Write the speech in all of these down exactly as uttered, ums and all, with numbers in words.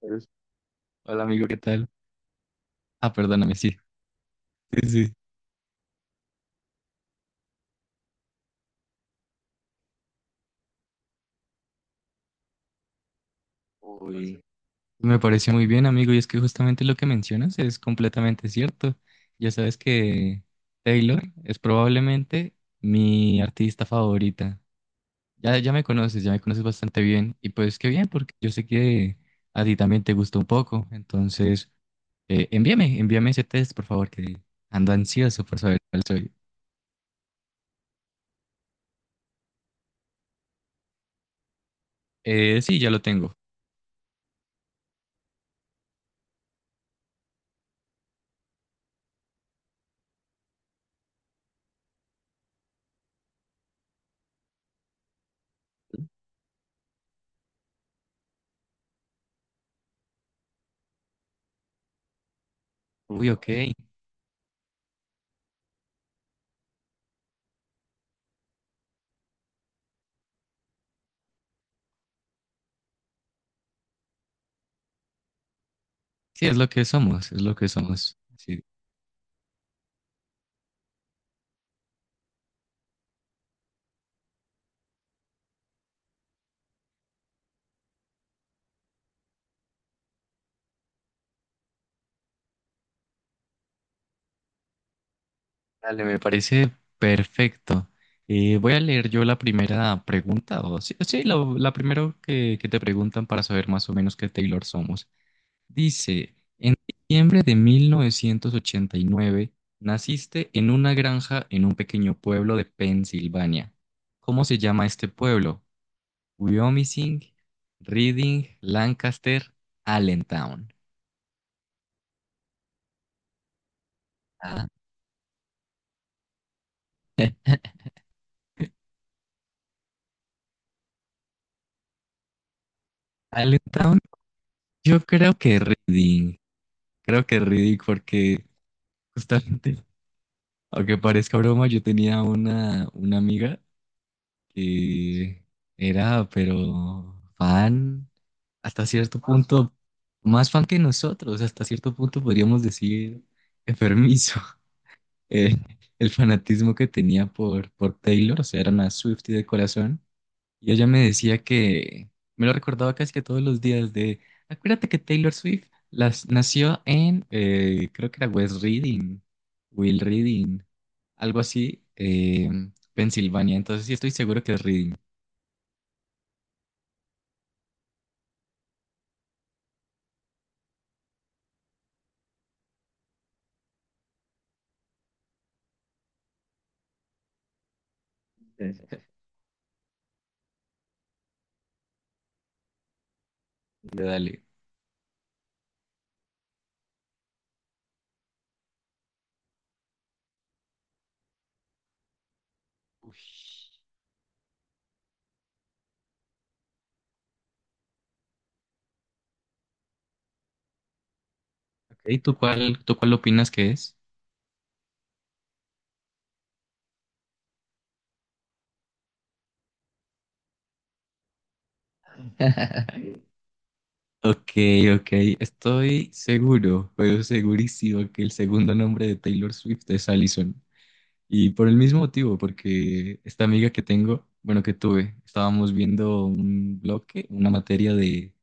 Es- Hola amigo, ¿qué tal? Ah, perdóname, sí. Sí, sí. Uy, me pareció muy bien, amigo, y es que justamente lo que mencionas es completamente cierto. Ya sabes que Taylor es probablemente mi artista favorita. Ya, ya me conoces, ya me conoces bastante bien. Y pues qué bien, porque yo sé que a ti también te gusta un poco. Entonces, eh, envíame, envíame ese test, por favor, que ando ansioso por saber cuál soy. Eh, sí, ya lo tengo. Uy, ok. Sí, es lo que somos, es lo que somos. Sí, dale, me parece perfecto. Eh, voy a leer yo la primera pregunta, o sí, sí, la, la primera que, que te preguntan para saber más o menos qué Taylor somos. Dice, en diciembre de mil novecientos ochenta y nueve naciste en una granja en un pequeño pueblo de Pensilvania. ¿Cómo se llama este pueblo? Wyoming, Reading, Lancaster, Allentown. Ah, Allentown, yo creo que Reading. Creo que Reading porque... justamente. Aunque parezca broma, yo tenía una, una amiga que era, pero fan, hasta cierto punto, más fan que nosotros, hasta cierto punto podríamos decir enfermizo. Eh, el fanatismo que tenía por, por Taylor, o sea, era una Swiftie de corazón. Y ella me decía que, me lo recordaba casi que todos los días de, acuérdate que Taylor Swift las, nació en, eh, creo que era West Reading, Will Reading algo así, eh, Pensilvania. Entonces sí estoy seguro que es Reading. Entonces, de dale. Uy. Ok, ¿tú cuál, tú cuál opinas que es? Ok, ok, estoy seguro, pero segurísimo que el segundo nombre de Taylor Swift es Allison. Y por el mismo motivo, porque esta amiga que tengo, bueno, que tuve, estábamos viendo un bloque, una materia de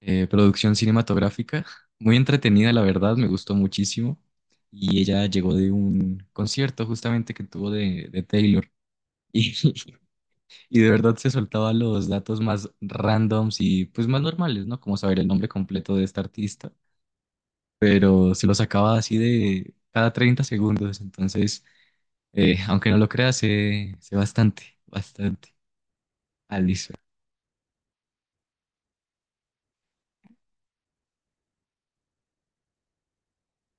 eh, producción cinematográfica. Muy entretenida, la verdad, me gustó muchísimo. Y ella llegó de un concierto justamente que tuvo de, de Taylor. Y, y de verdad se soltaba los datos más randoms y pues más normales, ¿no? Como saber el nombre completo de esta artista. Pero se lo sacaba así de cada treinta segundos. Entonces, eh, aunque no lo creas, sé, sé bastante, bastante. Alice.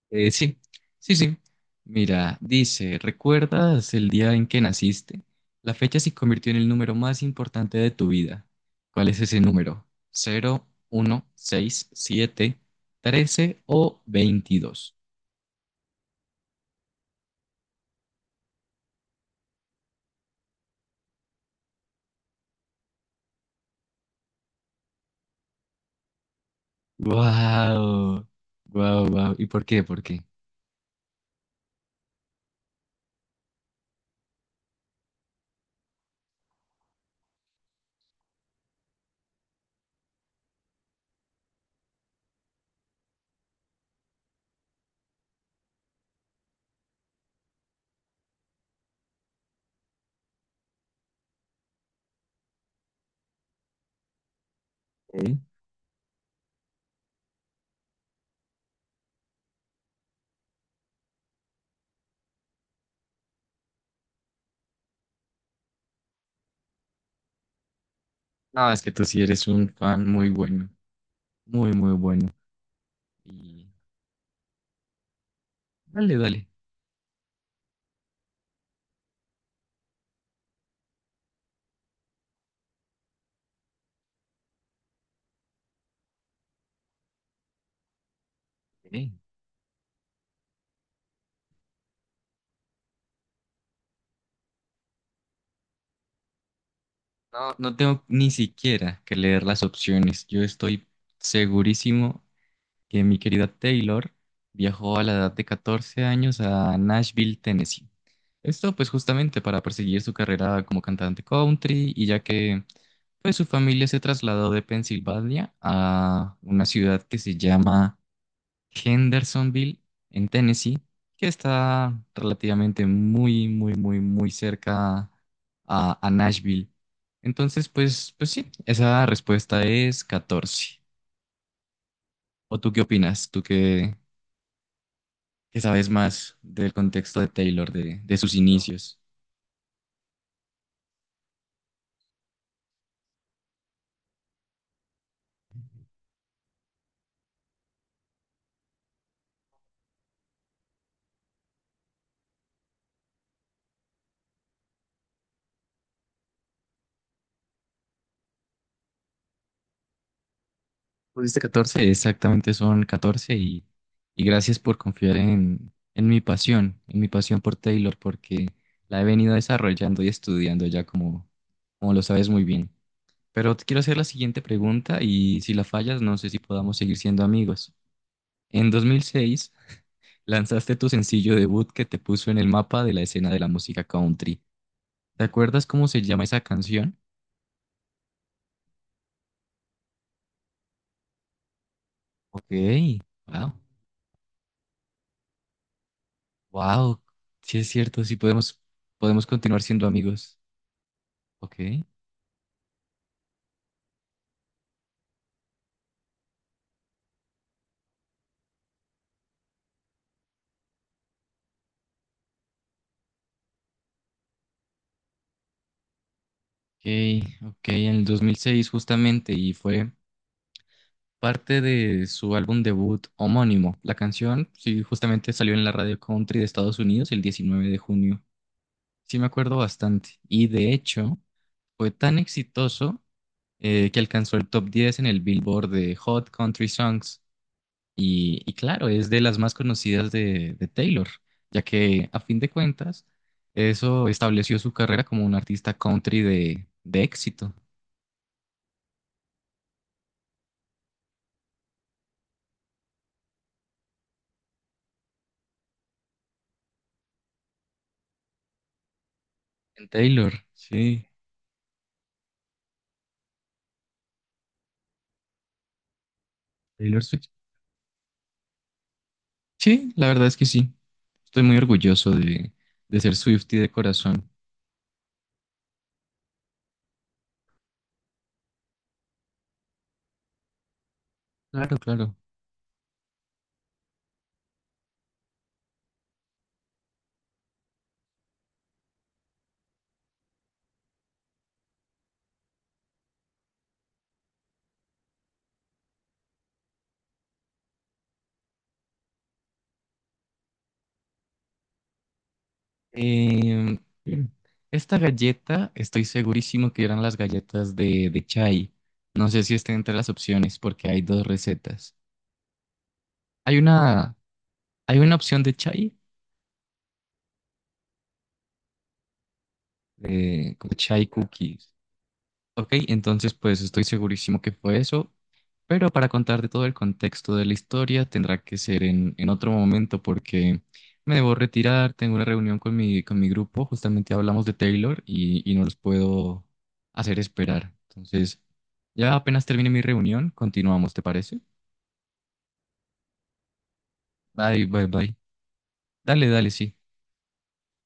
Eh, sí, sí, sí. Mira, dice, ¿recuerdas el día en que naciste? La fecha se convirtió en el número más importante de tu vida. ¿Cuál es ese número? Cero, uno, seis, siete, trece o veintidós. ¡Wow! ¡Wow, wow! ¿Y por qué? ¿Por qué? ¿Eh? No, es que tú sí eres un fan muy bueno, muy, muy bueno. Y dale, dale. Eh, No, no tengo ni siquiera que leer las opciones. Yo estoy segurísimo que mi querida Taylor viajó a la edad de catorce años a Nashville, Tennessee. Esto pues justamente para perseguir su carrera como cantante country y ya que pues su familia se trasladó de Pensilvania a una ciudad que se llama Hendersonville, en Tennessee, que está relativamente muy, muy, muy, muy cerca a, a Nashville. Entonces, pues, pues sí, esa respuesta es catorce. ¿O tú qué opinas? ¿Tú qué, que sabes más del contexto de Taylor, de, de sus inicios? Pusiste catorce, exactamente son catorce y, y gracias por confiar en, en mi pasión, en mi pasión por Taylor, porque la he venido desarrollando y estudiando ya como, como lo sabes muy bien. Pero te quiero hacer la siguiente pregunta, y si la fallas no sé si podamos seguir siendo amigos. En dos mil seis lanzaste tu sencillo debut que te puso en el mapa de la escena de la música country. ¿Te acuerdas cómo se llama esa canción? Ok, wow. Wow, sí es cierto, sí podemos, podemos continuar siendo amigos. Ok, ok, ok, en el dos mil seis justamente, y fue parte de su álbum debut homónimo. La canción, sí, justamente salió en la radio country de Estados Unidos el diecinueve de junio. Sí me acuerdo bastante, y de hecho fue tan exitoso eh, que alcanzó el top diez en el Billboard de Hot Country Songs. Y, y claro, es de las más conocidas de, de Taylor, ya que a fin de cuentas, eso estableció su carrera como un artista country de, de éxito. En Taylor, sí, Taylor Swift. Sí, la verdad es que sí. Estoy muy orgulloso de, de ser Swiftie de corazón. Claro, claro. Eh, Esta galleta, estoy segurísimo que eran las galletas de, de Chai. No sé si estén entre las opciones porque hay dos recetas. Hay una, hay una opción de Chai, eh, como chai cookies. Ok, entonces pues estoy segurísimo que fue eso, pero para contarte todo el contexto de la historia tendrá que ser en, en otro momento, porque me debo retirar, tengo una reunión con mi, con mi grupo, justamente hablamos de Taylor y, y no los puedo hacer esperar. Entonces, ya apenas termine mi reunión, continuamos, ¿te parece? Bye, bye, bye. Dale, dale, sí.